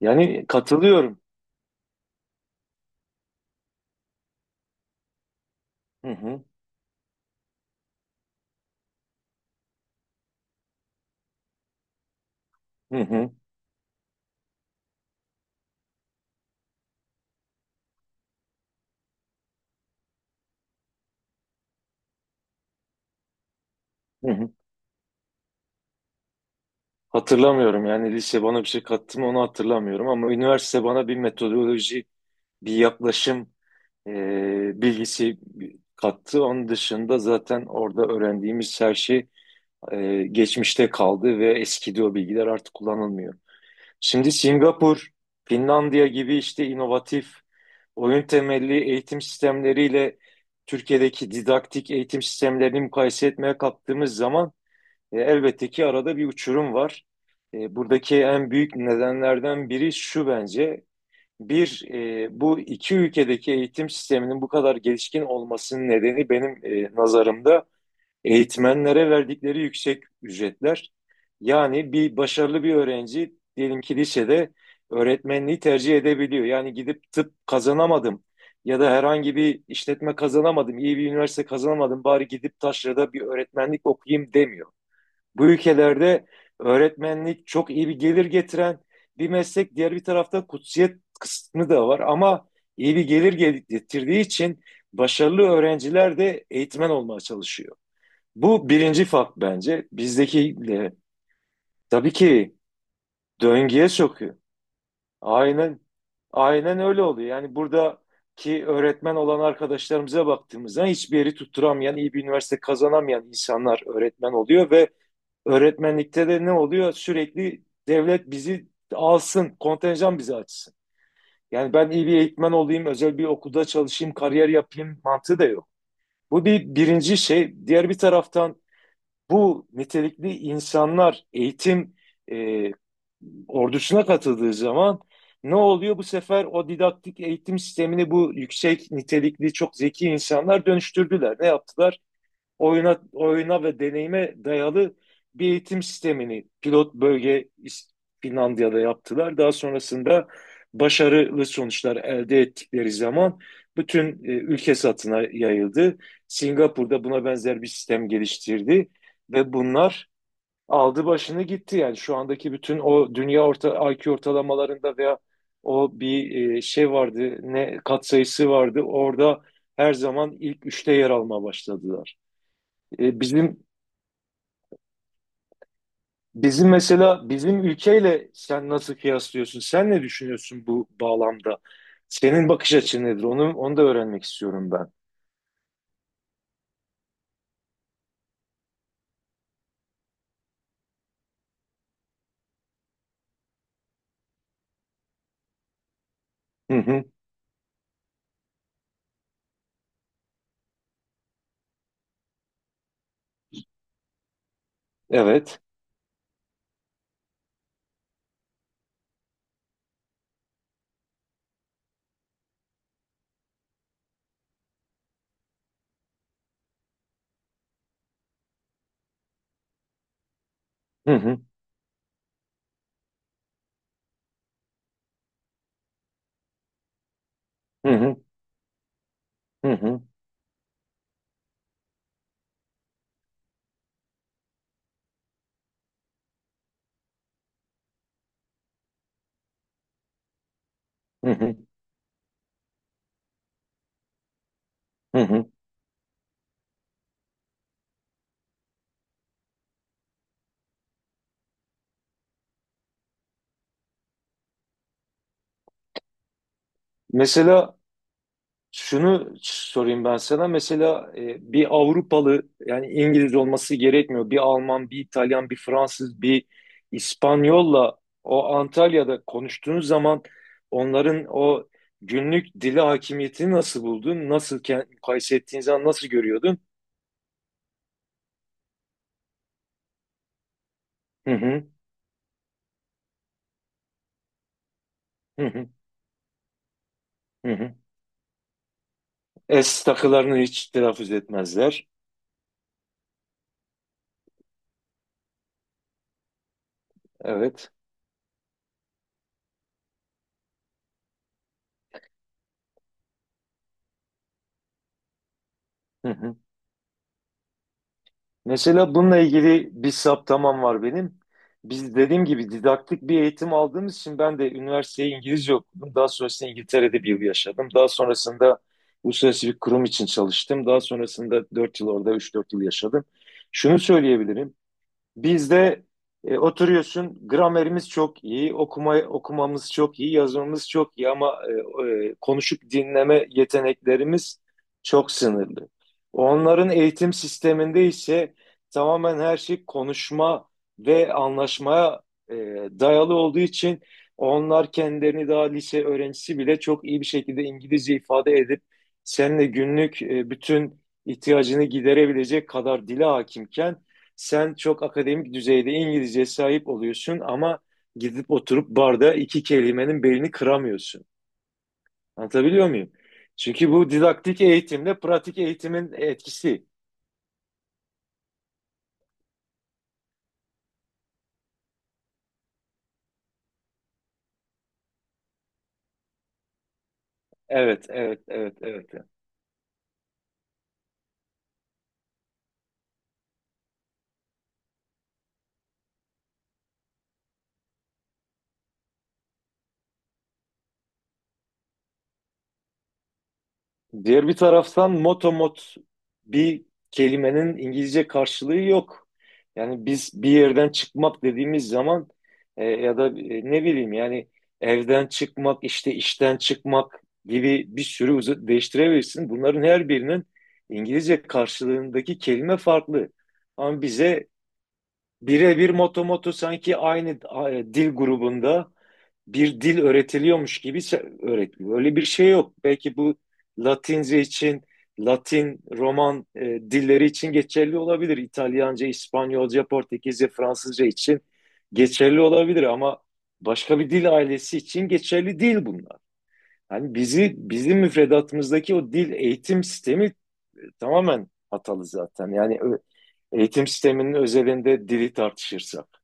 Yani katılıyorum. Hı hı, hı hı, hı hı. Hatırlamıyorum yani lise bana bir şey kattı mı onu hatırlamıyorum ama üniversite bana bir metodoloji, bir yaklaşım bilgisi kattı. Onun dışında zaten orada öğrendiğimiz her şey geçmişte kaldı ve eskidi, o bilgiler artık kullanılmıyor. Şimdi Singapur, Finlandiya gibi işte inovatif oyun temelli eğitim sistemleriyle Türkiye'deki didaktik eğitim sistemlerini mukayese etmeye kalktığımız zaman elbette ki arada bir uçurum var. Buradaki en büyük nedenlerden biri şu bence. Bir, bu iki ülkedeki eğitim sisteminin bu kadar gelişkin olmasının nedeni benim nazarımda eğitmenlere verdikleri yüksek ücretler. Yani bir başarılı bir öğrenci diyelim ki lisede öğretmenliği tercih edebiliyor. Yani gidip tıp kazanamadım ya da herhangi bir işletme kazanamadım, iyi bir üniversite kazanamadım, bari gidip taşrada bir öğretmenlik okuyayım demiyor. Bu ülkelerde öğretmenlik çok iyi bir gelir getiren bir meslek. Diğer bir tarafta kutsiyet kısmı da var ama iyi bir gelir getirdiği için başarılı öğrenciler de eğitmen olmaya çalışıyor. Bu birinci fark bence. Bizdekiyle tabii ki döngüye sokuyor. Aynen, aynen öyle oluyor. Yani buradaki öğretmen olan arkadaşlarımıza baktığımızda hiçbir yeri tutturamayan, iyi bir üniversite kazanamayan insanlar öğretmen oluyor ve öğretmenlikte de ne oluyor? Sürekli devlet bizi alsın, kontenjan bizi açsın. Yani ben iyi bir eğitmen olayım, özel bir okulda çalışayım, kariyer yapayım mantığı da yok. Bu bir birinci şey. Diğer bir taraftan bu nitelikli insanlar eğitim e, ordusuna katıldığı zaman ne oluyor? Bu sefer o didaktik eğitim sistemini bu yüksek nitelikli çok zeki insanlar dönüştürdüler. Ne yaptılar? Oyuna oyuna ve deneyime dayalı bir eğitim sistemini pilot bölge Finlandiya'da yaptılar. Daha sonrasında başarılı sonuçlar elde ettikleri zaman bütün ülke satına yayıldı. Singapur'da buna benzer bir sistem geliştirdi ve bunlar aldı başını gitti. Yani şu andaki bütün o dünya orta IQ ortalamalarında veya o bir şey vardı, ne katsayısı vardı. Orada her zaman ilk üçte yer almaya başladılar. E, bizim bizim mesela bizim ülkeyle sen nasıl kıyaslıyorsun? Sen ne düşünüyorsun bu bağlamda? Senin bakış açın nedir? Onu da öğrenmek istiyorum ben. Hı hı. Evet. Hı hı. Hı hı. Hı hı. Hı hı. Hı hı. Mesela şunu sorayım ben sana. Mesela bir Avrupalı yani İngiliz olması gerekmiyor. Bir Alman, bir İtalyan, bir Fransız, bir İspanyolla o Antalya'da konuştuğun zaman onların o günlük dili hakimiyetini nasıl buldun? Nasıl mukayese ettiğin zaman nasıl görüyordun? Hı hı, hı hı, hı hı. Es takılarını hiç telaffuz etmezler. Evet. Hı hı. Mesela bununla ilgili bir saptamam var benim. Biz dediğim gibi didaktik bir eğitim aldığımız için ben de üniversiteyi İngilizce okudum. Daha sonrasında İngiltere'de %1 yaşadım. Daha sonrasında uluslararası bir kurum için çalıştım. Daha sonrasında 4 yıl orada 3-4 yıl yaşadım. Şunu söyleyebilirim. Bizde oturuyorsun, gramerimiz çok iyi, okumamız çok iyi, yazmamız çok iyi ama konuşup dinleme yeteneklerimiz çok sınırlı. Onların eğitim sisteminde ise tamamen her şey konuşma ve anlaşmaya e, dayalı olduğu için onlar kendilerini daha lise öğrencisi bile çok iyi bir şekilde İngilizce ifade edip seninle günlük bütün ihtiyacını giderebilecek kadar dile hakimken sen çok akademik düzeyde İngilizceye sahip oluyorsun ama gidip oturup barda iki kelimenin belini kıramıyorsun. Anlatabiliyor muyum? Çünkü bu didaktik eğitimle pratik eğitimin etkisi. Evet, evet, evet, evet. Diğer bir taraftan motomot bir kelimenin İngilizce karşılığı yok. Yani biz bir yerden çıkmak dediğimiz zaman, ya da ne bileyim yani evden çıkmak, işte işten çıkmak gibi bir sürü değiştirebilirsin. Bunların her birinin İngilizce karşılığındaki kelime farklı. Ama bize birebir motomotu sanki aynı dil grubunda bir dil öğretiliyormuş gibi öğretiliyor. Öyle bir şey yok. Belki bu Latince için, Latin, Roman dilleri için geçerli olabilir. İtalyanca, İspanyolca, Portekizce, Fransızca için geçerli olabilir ama başka bir dil ailesi için geçerli değil bunlar. Yani bizi bizim müfredatımızdaki o dil eğitim sistemi tamamen hatalı zaten. Yani eğitim sisteminin özelinde dili tartışırsak.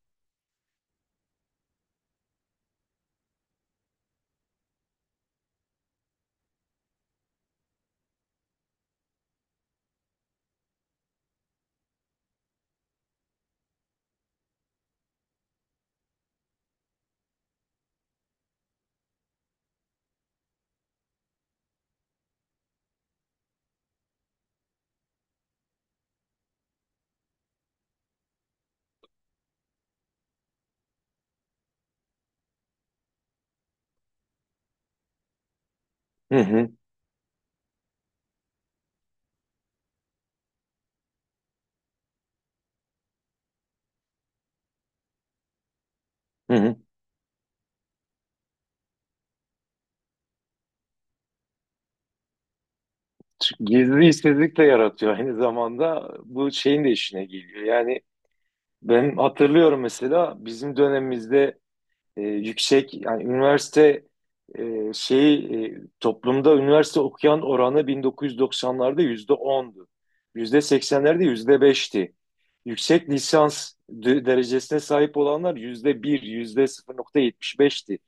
Hı hı, hı hı. Çünkü gizli işsizlik de yaratıyor, aynı zamanda bu şeyin de işine geliyor. Yani ben hatırlıyorum mesela bizim dönemimizde e, yüksek yani üniversite şeyi toplumda üniversite okuyan oranı 1990'larda %10'du. Yüzde seksenlerde %5'ti. Yüksek lisans derecesine sahip olanlar yüzde bir, yüzde 0.75'ti.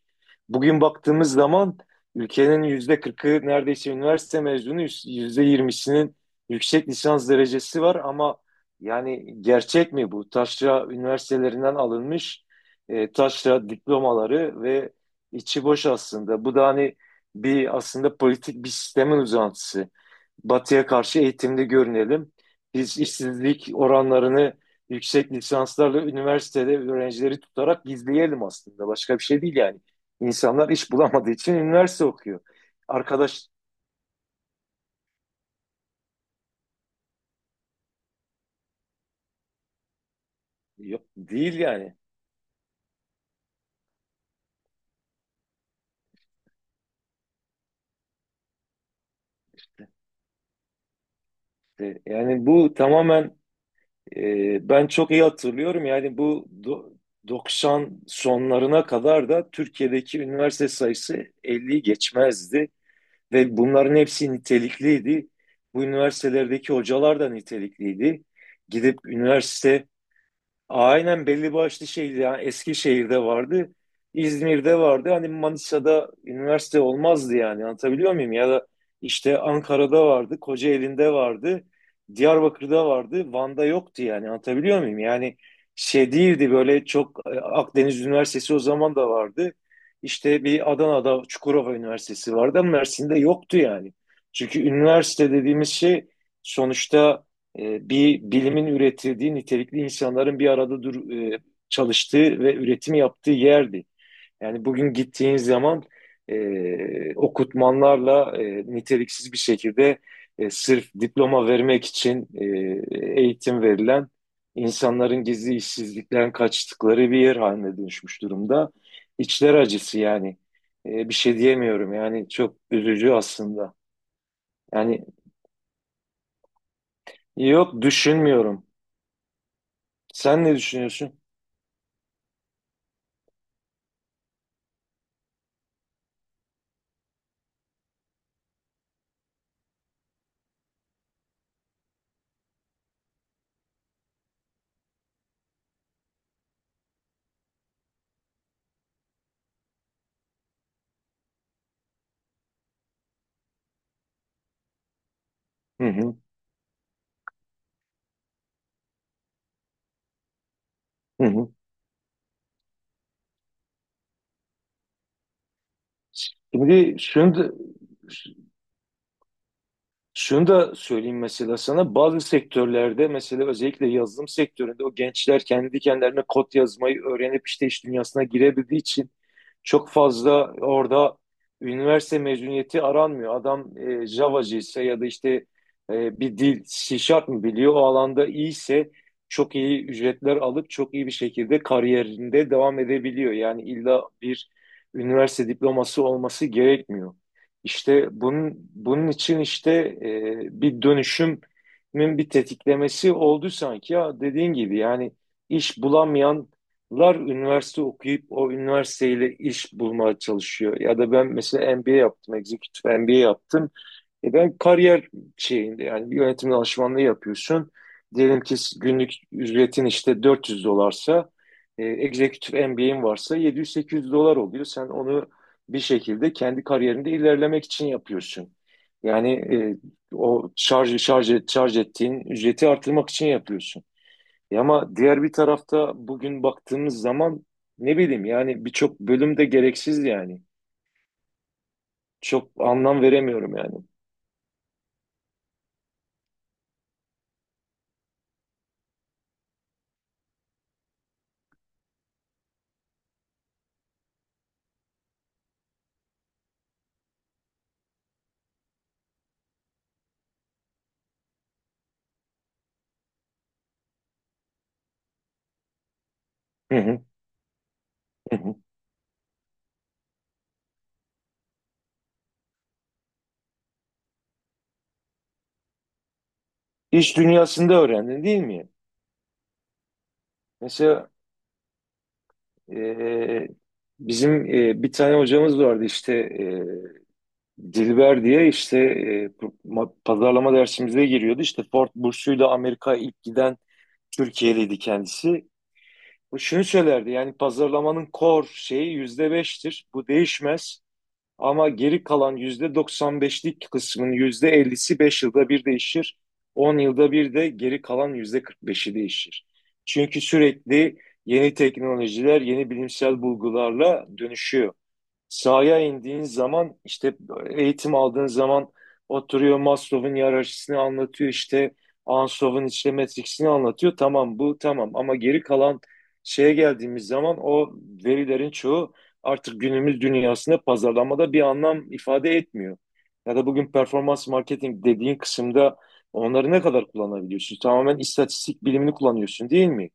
Bugün baktığımız zaman ülkenin yüzde 40'ı neredeyse üniversite mezunu, yüzde 20'sinin yüksek lisans derecesi var ama yani gerçek mi bu? Taşra üniversitelerinden alınmış taşra diplomaları ve içi boş aslında. Bu da hani bir aslında politik bir sistemin uzantısı. Batı'ya karşı eğitimli görünelim. Biz işsizlik oranlarını yüksek lisanslarla üniversitede öğrencileri tutarak gizleyelim aslında. Başka bir şey değil yani. İnsanlar iş bulamadığı için üniversite okuyor. Arkadaş yok değil yani. Yani bu tamamen ben çok iyi hatırlıyorum. Yani bu 90 sonlarına kadar da Türkiye'deki üniversite sayısı 50'yi geçmezdi. Ve bunların hepsi nitelikliydi. Bu üniversitelerdeki hocalar da nitelikliydi. Gidip üniversite Aynen belli başlı şeydi. Yani Eskişehir'de vardı, İzmir'de vardı. Hani Manisa'da üniversite olmazdı yani. Anlatabiliyor muyum? Ya da işte Ankara'da vardı, Kocaeli'nde vardı, Diyarbakır'da vardı, Van'da yoktu yani. Anlatabiliyor muyum? Yani şey değildi böyle çok, Akdeniz Üniversitesi o zaman da vardı. İşte bir Adana'da Çukurova Üniversitesi vardı ama Mersin'de yoktu yani. Çünkü üniversite dediğimiz şey sonuçta bir bilimin üretildiği, nitelikli insanların bir arada çalıştığı ve üretimi yaptığı yerdi. Yani bugün gittiğiniz zaman okutmanlarla, niteliksiz bir şekilde, sırf diploma vermek için eğitim verilen insanların gizli işsizlikten kaçtıkları bir yer haline dönüşmüş durumda. İçler acısı yani. Bir şey diyemiyorum yani, çok üzücü aslında. Yani yok, düşünmüyorum. Sen ne düşünüyorsun? Hı hı. Hı hı. Şimdi şunu da- Şunu da söyleyeyim mesela sana, bazı sektörlerde mesela özellikle yazılım sektöründe o gençler kendi kendilerine kod yazmayı öğrenip işte iş dünyasına girebildiği için çok fazla orada üniversite mezuniyeti aranmıyor. Adam Java'cı ise ya da işte bir dil C mı biliyor, o alanda iyiyse çok iyi ücretler alıp çok iyi bir şekilde kariyerinde devam edebiliyor. Yani illa bir üniversite diploması olması gerekmiyor. İşte bunun için işte bir dönüşümün bir tetiklemesi oldu sanki ya, dediğin gibi yani iş bulamayanlar üniversite okuyup o üniversiteyle iş bulmaya çalışıyor. Ya da ben mesela MBA yaptım, executive MBA yaptım. Ben kariyer şeyinde yani, bir yönetim danışmanlığı yapıyorsun. Diyelim ki günlük ücretin işte 400 dolarsa, executive MBA'in varsa 700-800 dolar oluyor. Sen onu bir şekilde kendi kariyerinde ilerlemek için yapıyorsun. Yani o şarj ettiğin ücreti artırmak için yapıyorsun. Ama diğer bir tarafta bugün baktığımız zaman ne bileyim yani, birçok bölüm de gereksiz yani. Çok anlam veremiyorum yani. Hı hı, hı hı. İş dünyasında öğrendin değil mi? Mesela e, bizim bir tane hocamız vardı işte, Dilber diye, işte pazarlama dersimize giriyordu. İşte Ford bursuyla Amerika ilk giden Türkiye'liydi kendisi. O şunu söylerdi: yani pazarlamanın core şeyi %5'tir. Bu değişmez. Ama geri kalan yüzde 95'lik kısmın yüzde 50'si 5 yılda bir değişir. 10 yılda bir de geri kalan yüzde 45'i değişir. Çünkü sürekli yeni teknolojiler, yeni bilimsel bulgularla dönüşüyor. Sahaya indiğin zaman, işte eğitim aldığın zaman oturuyor Maslow'un hiyerarşisini anlatıyor, işte Ansov'un işte matrixini anlatıyor. Tamam, bu tamam, ama geri kalan şeye geldiğimiz zaman o verilerin çoğu artık günümüz dünyasında pazarlamada bir anlam ifade etmiyor. Ya da bugün performans marketing dediğin kısımda onları ne kadar kullanabiliyorsun? Tamamen istatistik bilimini kullanıyorsun değil mi?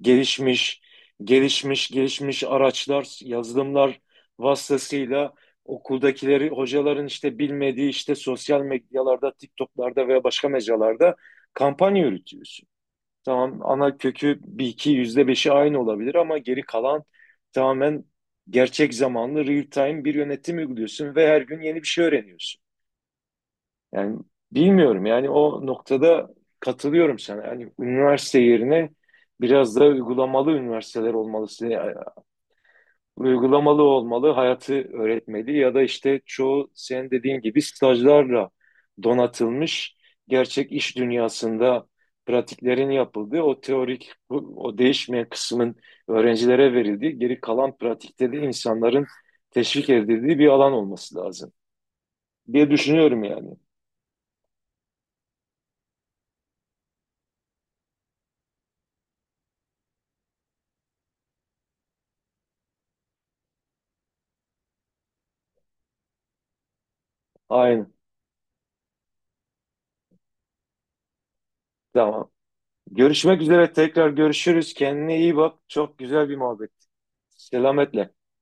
gelişmiş, Gelişmiş araçlar, yazılımlar vasıtasıyla okuldakileri, hocaların işte bilmediği işte sosyal medyalarda, TikTok'larda veya başka mecralarda kampanya yürütüyorsun. Tamam, ana kökü bir iki yüzde beşi aynı olabilir ama geri kalan tamamen gerçek zamanlı real time bir yönetim uyguluyorsun ve her gün yeni bir şey öğreniyorsun. Yani bilmiyorum yani, o noktada katılıyorum sana. Yani üniversite yerine biraz daha uygulamalı üniversiteler olmalı. Yani uygulamalı olmalı, hayatı öğretmeli ya da işte çoğu senin dediğin gibi stajlarla donatılmış gerçek iş dünyasında pratiklerin yapıldığı o teorik, o değişmeyen kısmın öğrencilere verildiği, geri kalan pratikte de insanların teşvik edildiği bir alan olması lazım diye düşünüyorum yani. Aynen. Tamam. Görüşmek üzere, tekrar görüşürüz. Kendine iyi bak. Çok güzel bir muhabbet. Selametle. Bye.